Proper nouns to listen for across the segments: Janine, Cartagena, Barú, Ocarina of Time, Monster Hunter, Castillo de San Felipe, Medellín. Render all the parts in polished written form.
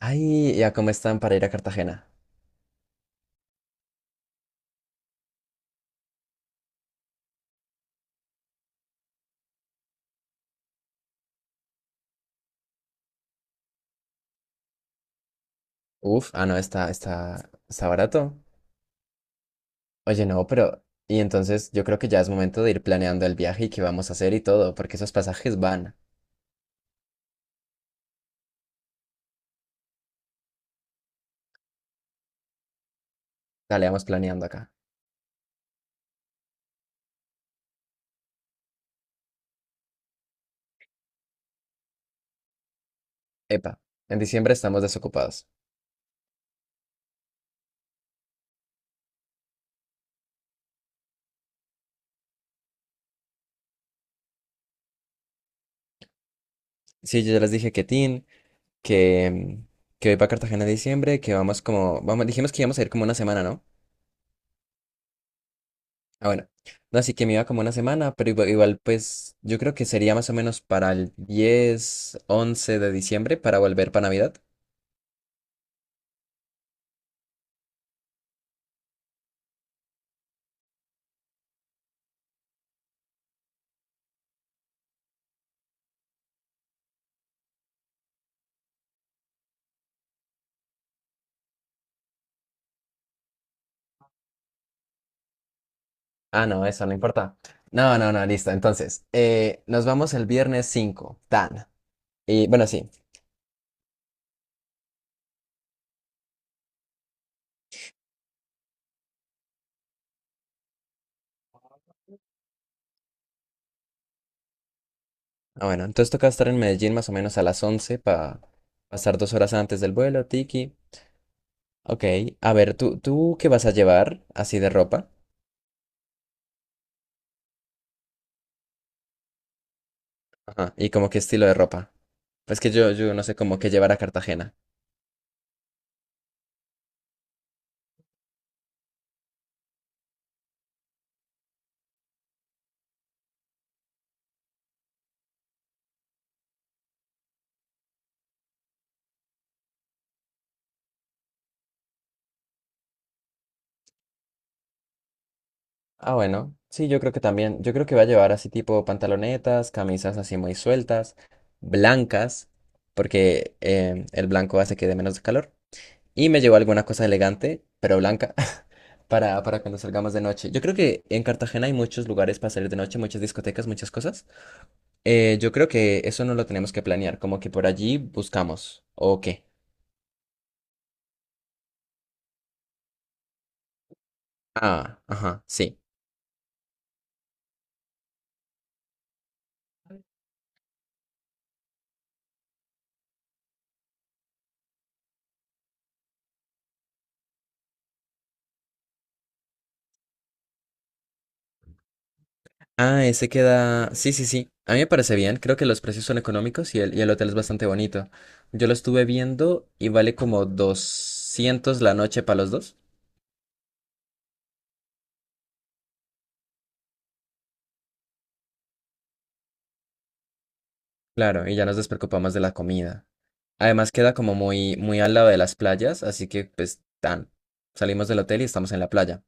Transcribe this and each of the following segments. Ay, ya cómo están para ir a Cartagena. Uf, ah, no, está barato. Oye, no, pero. Y entonces yo creo que ya es momento de ir planeando el viaje y qué vamos a hacer y todo, porque esos pasajes van. Dale, vamos planeando acá. Epa, en diciembre estamos desocupados. Sí, yo ya les dije que Tin, que, mm, que voy para Cartagena en diciembre, que vamos como. Vamos, dijimos que íbamos a ir como una semana, ¿no? Ah, bueno. No, así que me iba como una semana, pero igual, pues yo creo que sería más o menos para el 10, 11 de diciembre para volver para Navidad. Ah, no, eso no importa. No, no, no, listo. Entonces, nos vamos el viernes 5, tan. Y bueno, sí. Ah, bueno, entonces toca estar en Medellín más o menos a las 11 para pasar dos horas antes del vuelo, tiki. Ok, a ver, ¿tú qué vas a llevar así de ropa? Ajá. ¿Y como qué estilo de ropa? Pues que yo no sé cómo qué llevar a Cartagena. Ah, bueno, sí, yo creo que también. Yo creo que va a llevar así tipo pantalonetas, camisas así muy sueltas, blancas, porque el blanco hace que dé menos calor. Y me llevó alguna cosa elegante, pero blanca, para cuando salgamos de noche. Yo creo que en Cartagena hay muchos lugares para salir de noche, muchas discotecas, muchas cosas. Yo creo que eso no lo tenemos que planear, como que por allí buscamos. ¿O qué? Ah, ajá, sí. Ah, ese queda... Sí, sí, sí. A mí me parece bien, creo que los precios son económicos y el hotel es bastante bonito. Yo lo estuve viendo y vale como 200 la noche para los dos. Claro, y ya nos despreocupamos de la comida. Además queda como muy, muy al lado de las playas, así que pues tan, salimos del hotel y estamos en la playa.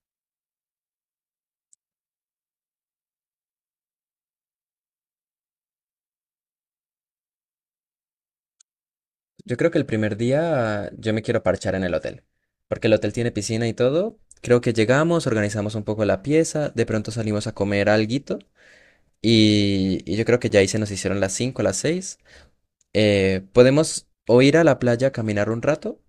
Yo creo que el primer día yo me quiero parchar en el hotel, porque el hotel tiene piscina y todo. Creo que llegamos, organizamos un poco la pieza, de pronto salimos a comer alguito y yo creo que ya ahí se nos hicieron las cinco, las 6. Podemos o ir a la playa a caminar un rato.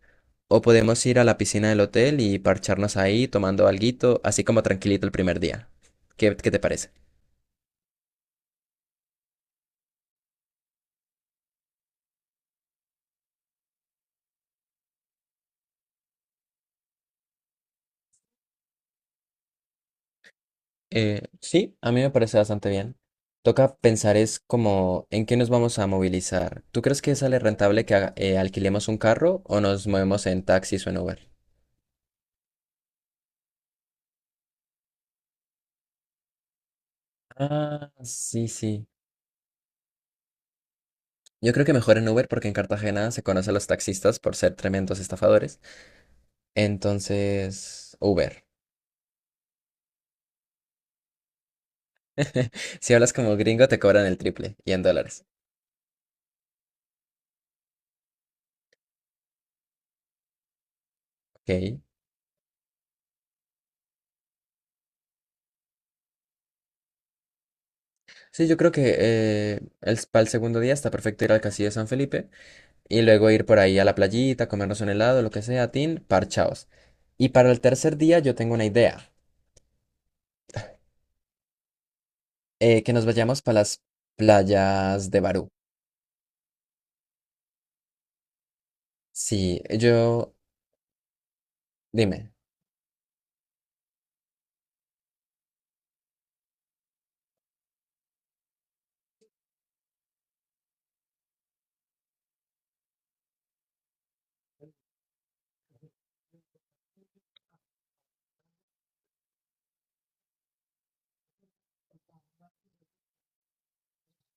O podemos ir a la piscina del hotel y parcharnos ahí tomando alguito, así como tranquilito el primer día. ¿Qué, qué te parece? Sí, a mí me parece bastante bien. Toca pensar es como en qué nos vamos a movilizar. ¿Tú crees que sale rentable que alquilemos un carro o nos movemos en taxis o en Uber? Ah, sí, sí. Yo creo que mejor en Uber porque en Cartagena se conoce a los taxistas por ser tremendos estafadores. Entonces, Uber. Si hablas como gringo te cobran el triple y en dólares. Ok. Sí, yo creo que para el segundo día está perfecto ir al Castillo de San Felipe y luego ir por ahí a la playita, comernos un helado, lo que sea, tin, parchaos. Y para el tercer día yo tengo una idea, que nos vayamos para las playas de Barú. Sí, yo, dime,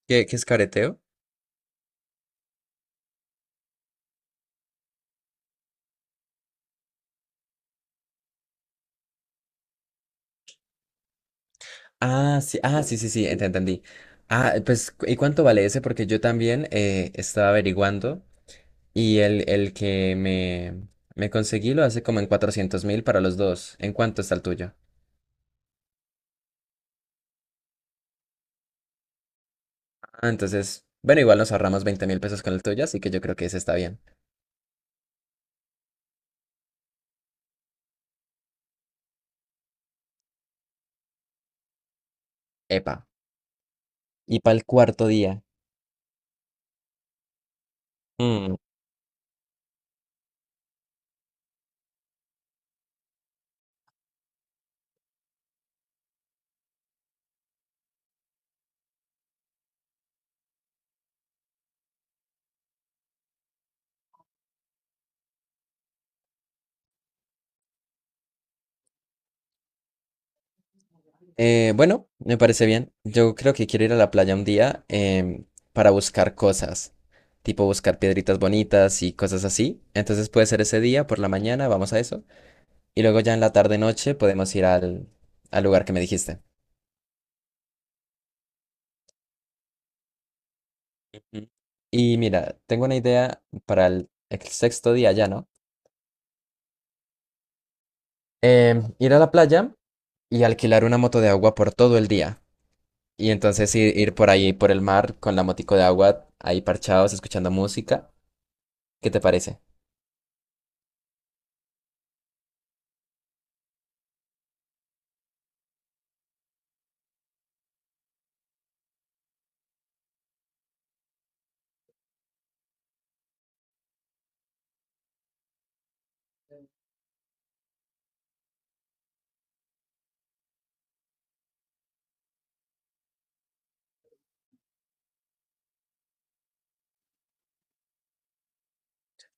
¿qué, qué es careteo? Ah, sí, ah, sí, sí, sí, entendí. Ah, pues, ¿y cuánto vale ese? Porque yo también estaba averiguando y me conseguí lo hace como en 400 mil para los dos. ¿En cuánto está el tuyo? Ah, entonces, bueno, igual nos ahorramos 20 mil pesos con el tuyo, así que yo creo que ese está bien. Epa. Y para el cuarto día. Mm, bueno, me parece bien. Yo creo que quiero ir a la playa un día para buscar cosas, tipo buscar piedritas bonitas y cosas así. Entonces puede ser ese día, por la mañana, vamos a eso. Y luego ya en la tarde-noche podemos ir al lugar que me dijiste. Ujú. Y mira, tengo una idea para el sexto día ya, ¿no? Em, ir a la playa y alquilar una moto de agua por todo el día. Y entonces ir por ahí, por el mar, con la motico de agua, ahí parchados, escuchando música. ¿Qué te parece?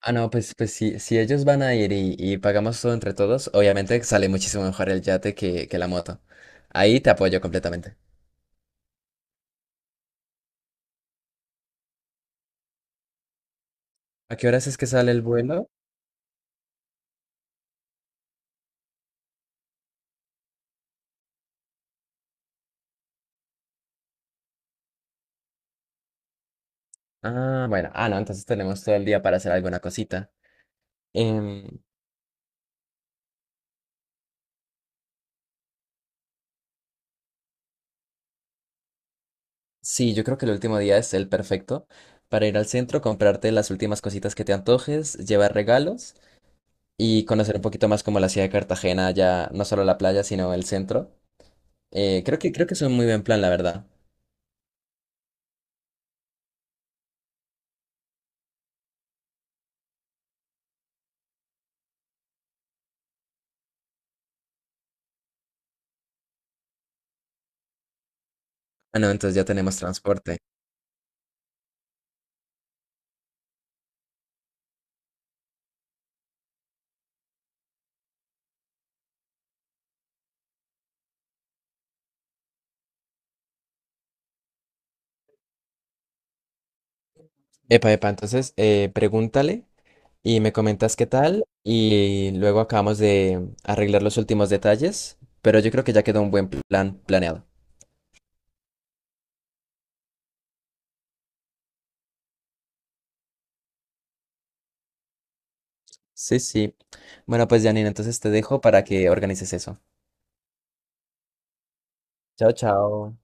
Ah, no, pues, pues si ellos van a ir y pagamos todo entre todos, obviamente sale muchísimo mejor el yate que la moto. Ahí te apoyo completamente. ¿A qué horas es que sale el vuelo? Ah, bueno, ah, no, entonces tenemos todo el día para hacer alguna cosita. Em, sí, yo creo que el último día es el perfecto para ir al centro, comprarte las últimas cositas que te antojes, llevar regalos y conocer un poquito más como la ciudad de Cartagena, ya no solo la playa, sino el centro. Creo que es un muy buen plan, la verdad. Ah, no, entonces ya tenemos transporte. Epa, epa, entonces pregúntale y me comentas qué tal y luego acabamos de arreglar los últimos detalles, pero yo creo que ya quedó un buen plan planeado. Sí, sí. Bueno, pues Janine, entonces te dejo para que organices eso. Chao, chao.